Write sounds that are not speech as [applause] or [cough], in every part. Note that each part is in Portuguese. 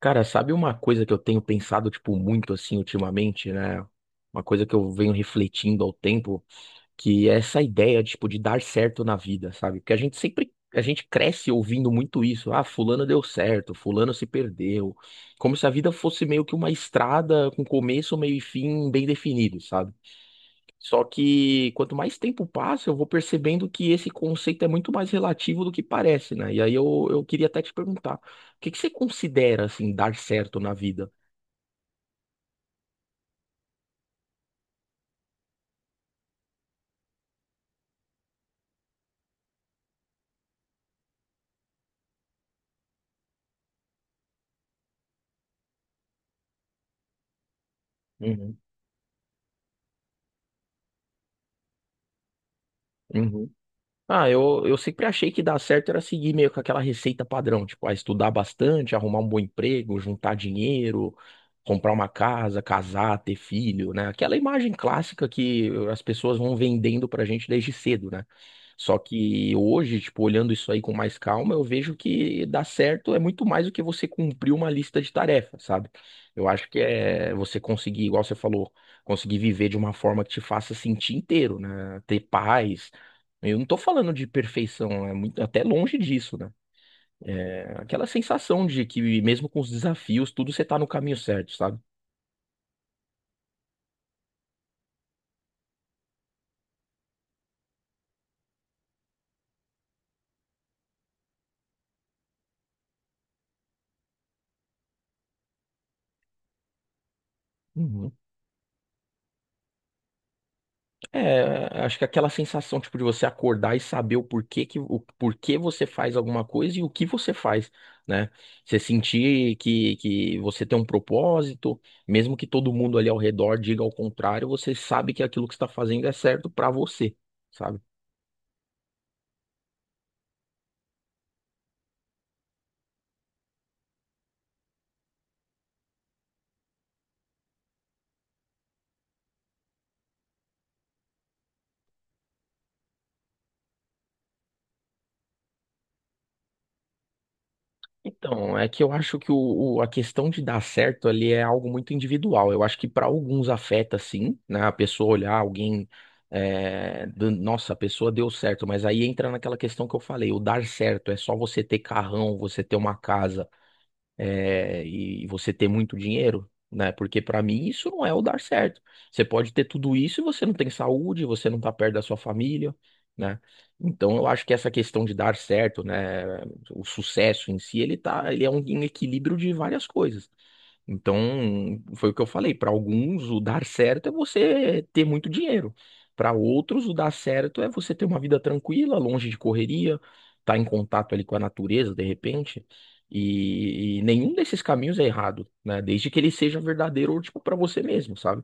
Cara, sabe uma coisa que eu tenho pensado, tipo, muito assim ultimamente, né? Uma coisa que eu venho refletindo ao tempo, que é essa ideia, tipo, de dar certo na vida, sabe? Porque a gente cresce ouvindo muito isso. Ah, fulano deu certo, fulano se perdeu. Como se a vida fosse meio que uma estrada com começo, meio e fim bem definido, sabe? Só que quanto mais tempo passa, eu vou percebendo que esse conceito é muito mais relativo do que parece, né? E aí eu queria até te perguntar, o que que você considera, assim, dar certo na vida? Uhum. Hum. Ah, eu sempre achei que dar certo era seguir meio com aquela receita padrão, tipo, ah, estudar bastante, arrumar um bom emprego, juntar dinheiro, comprar uma casa, casar, ter filho, né? Aquela imagem clássica que as pessoas vão vendendo pra gente desde cedo, né? Só que hoje, tipo, olhando isso aí com mais calma, eu vejo que dar certo é muito mais do que você cumprir uma lista de tarefas, sabe? Eu acho que é você conseguir, igual você falou, conseguir viver de uma forma que te faça sentir inteiro, né? Ter paz, eu não tô falando de perfeição, é muito, até longe disso, né? É aquela sensação de que mesmo com os desafios, tudo você tá no caminho certo, sabe? Uhum. É, acho que aquela sensação, tipo, de você acordar e saber o porquê você faz alguma coisa e o que você faz, né? Você sentir que você tem um propósito, mesmo que todo mundo ali ao redor diga ao contrário, você sabe que aquilo que você tá fazendo é certo pra você, sabe? Então, é que eu acho que a questão de dar certo ali é algo muito individual. Eu acho que para alguns afeta sim, né? A pessoa olhar alguém, é, nossa, a pessoa deu certo, mas aí entra naquela questão que eu falei, o dar certo é só você ter carrão, você ter uma casa é, e você ter muito dinheiro, né? Porque para mim isso não é o dar certo. Você pode ter tudo isso e você não tem saúde, você não tá perto da sua família, né? Então eu acho que essa questão de dar certo, né, o sucesso em si, ele tá, ele é um equilíbrio de várias coisas. Então, foi o que eu falei. Para alguns, o dar certo é você ter muito dinheiro. Para outros, o dar certo é você ter uma vida tranquila, longe de correria, estar em contato ali com a natureza, de repente. E nenhum desses caminhos é errado, né? Desde que ele seja verdadeiro, tipo, para você mesmo, sabe?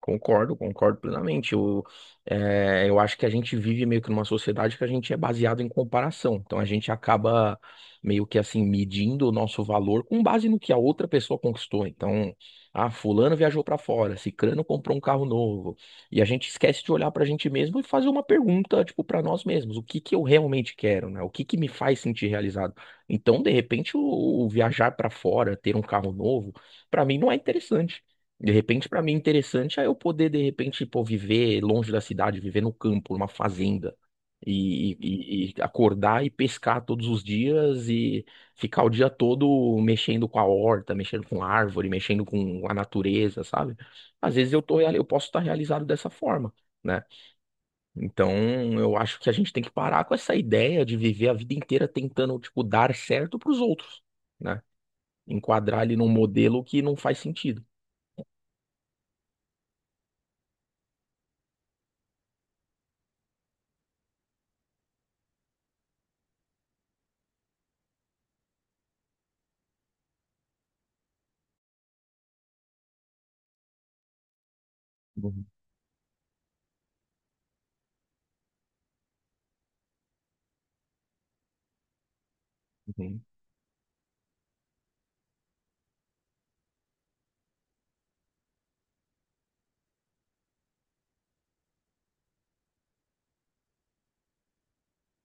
Concordo, concordo plenamente. Eu, eu acho que a gente vive meio que numa sociedade que a gente é baseado em comparação. Então a gente acaba meio que assim medindo o nosso valor com base no que a outra pessoa conquistou. Então, ah, fulano viajou para fora, cicrano comprou um carro novo. E a gente esquece de olhar para a gente mesmo e fazer uma pergunta, tipo, para nós mesmos, o que que eu realmente quero, né? O que que me faz sentir realizado? Então, de repente, o viajar para fora, ter um carro novo, para mim não é interessante. De repente, pra mim, interessante é eu poder, de repente, pô, viver longe da cidade, viver no campo, numa fazenda, e, e acordar e pescar todos os dias e ficar o dia todo mexendo com a horta, mexendo com a árvore, mexendo com a natureza, sabe? Às vezes eu tô, eu posso estar realizado dessa forma, né? Então, eu acho que a gente tem que parar com essa ideia de viver a vida inteira tentando, tipo, dar certo pros outros, né? Enquadrar ele num modelo que não faz sentido. Uhum. Uhum.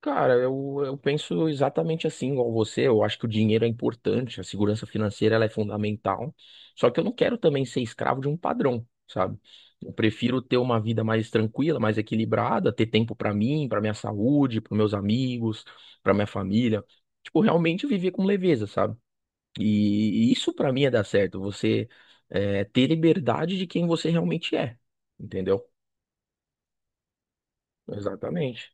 Cara, eu penso exatamente assim, igual você. Eu acho que o dinheiro é importante, a segurança financeira ela é fundamental. Só que eu não quero também ser escravo de um padrão, sabe? Eu prefiro ter uma vida mais tranquila, mais equilibrada, ter tempo pra mim, pra minha saúde, para meus amigos, pra minha família. Tipo, realmente viver com leveza, sabe? E, isso pra mim é dar certo. Você é, ter liberdade de quem você realmente é, entendeu? Exatamente.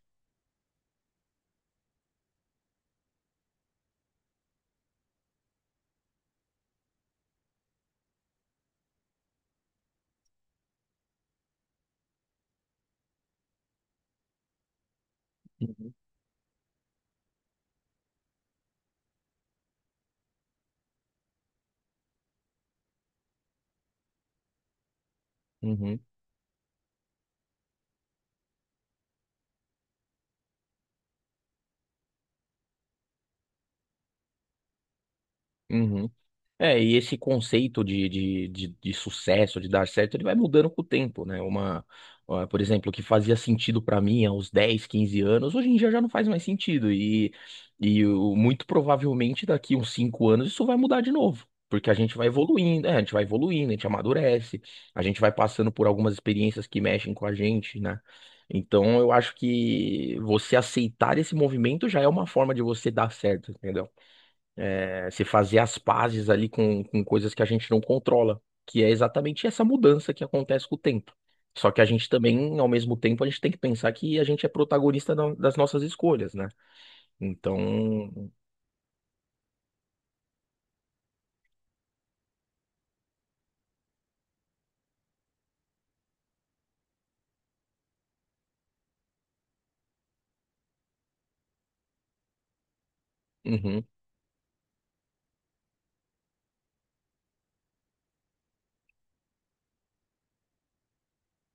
Uhum, uhum, uhum. É, e esse conceito de sucesso, de dar certo, ele vai mudando com o tempo, né? Uma, ah, por exemplo, o que fazia sentido pra mim há uns 10, 15 anos, hoje em dia já não faz mais sentido. E, muito provavelmente daqui uns 5 anos isso vai mudar de novo. Porque a gente vai evoluindo, é, a gente vai evoluindo, a gente amadurece, a gente vai passando por algumas experiências que mexem com a gente, né? Então eu acho que você aceitar esse movimento já é uma forma de você dar certo, entendeu? É, se fazer as pazes ali com coisas que a gente não controla, que é exatamente essa mudança que acontece com o tempo. Só que a gente também, ao mesmo tempo, a gente tem que pensar que a gente é protagonista das nossas escolhas, né? Então, uhum,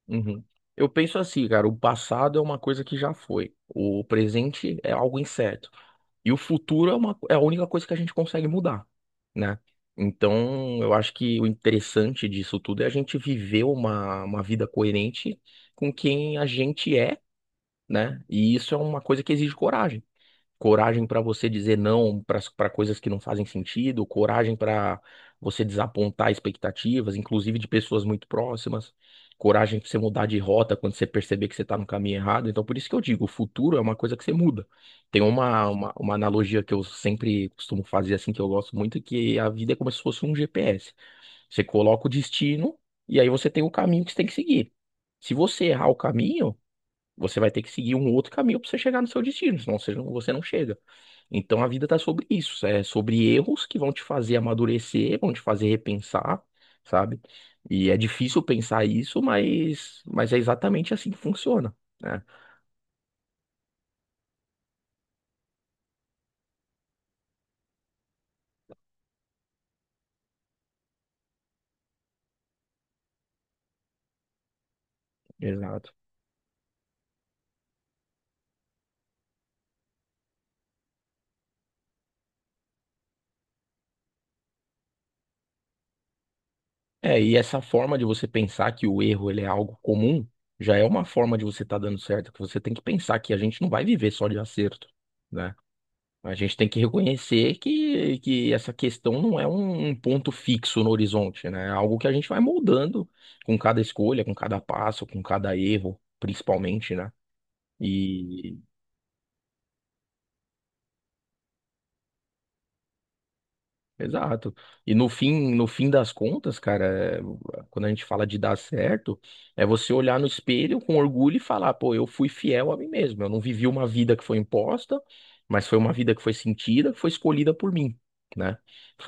uhum. Eu penso assim, cara, o passado é uma coisa que já foi, o presente é algo incerto. E o futuro é uma, é a única coisa que a gente consegue mudar, né? Então, eu acho que o interessante disso tudo é a gente viver uma vida coerente com quem a gente é, né? E isso é uma coisa que exige coragem coragem para você dizer não para coisas que não fazem sentido, coragem para você desapontar expectativas, inclusive de pessoas muito próximas, coragem para você mudar de rota quando você perceber que você está no caminho errado. Então, por isso que eu digo, o futuro é uma coisa que você muda. Tem uma analogia que eu sempre costumo fazer, assim, que eu gosto muito, que a vida é como se fosse um GPS. Você coloca o destino e aí você tem o caminho que você tem que seguir. Se você errar o caminho, você vai ter que seguir um outro caminho para você chegar no seu destino, senão você não chega. Então a vida tá sobre isso, é sobre erros que vão te fazer amadurecer, vão te fazer repensar, sabe? E é difícil pensar isso, mas é exatamente assim que funciona, né? Exato. É, e essa forma de você pensar que o erro ele é algo comum, já é uma forma de você estar dando certo, que você tem que pensar que a gente não vai viver só de acerto, né? A gente tem que reconhecer que essa questão não é um ponto fixo no horizonte, né? É algo que a gente vai moldando com cada escolha, com cada passo, com cada erro, principalmente, né? E Exato. E no fim, no fim das contas, cara, é, quando a gente fala de dar certo, é você olhar no espelho com orgulho e falar, pô, eu fui fiel a mim mesmo. Eu não vivi uma vida que foi imposta, mas foi uma vida que foi sentida, que foi escolhida por mim, né?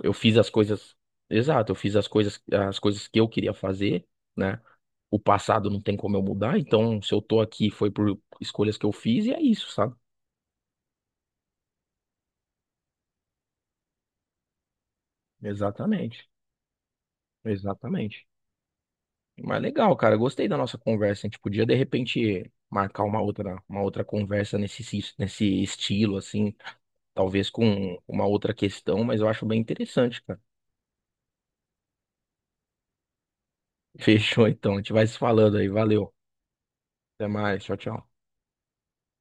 Eu fiz as coisas, exato, eu fiz as coisas que eu queria fazer, né? O passado não tem como eu mudar, então se eu tô aqui foi por escolhas que eu fiz e é isso, sabe? Exatamente. Exatamente. Mas legal, cara. Gostei da nossa conversa. A gente podia, de repente, marcar uma outra conversa nesse estilo, assim, talvez com uma outra questão, mas eu acho bem interessante, cara. [laughs] Fechou, então. A gente vai se falando aí. Valeu. Até mais. Tchau, tchau.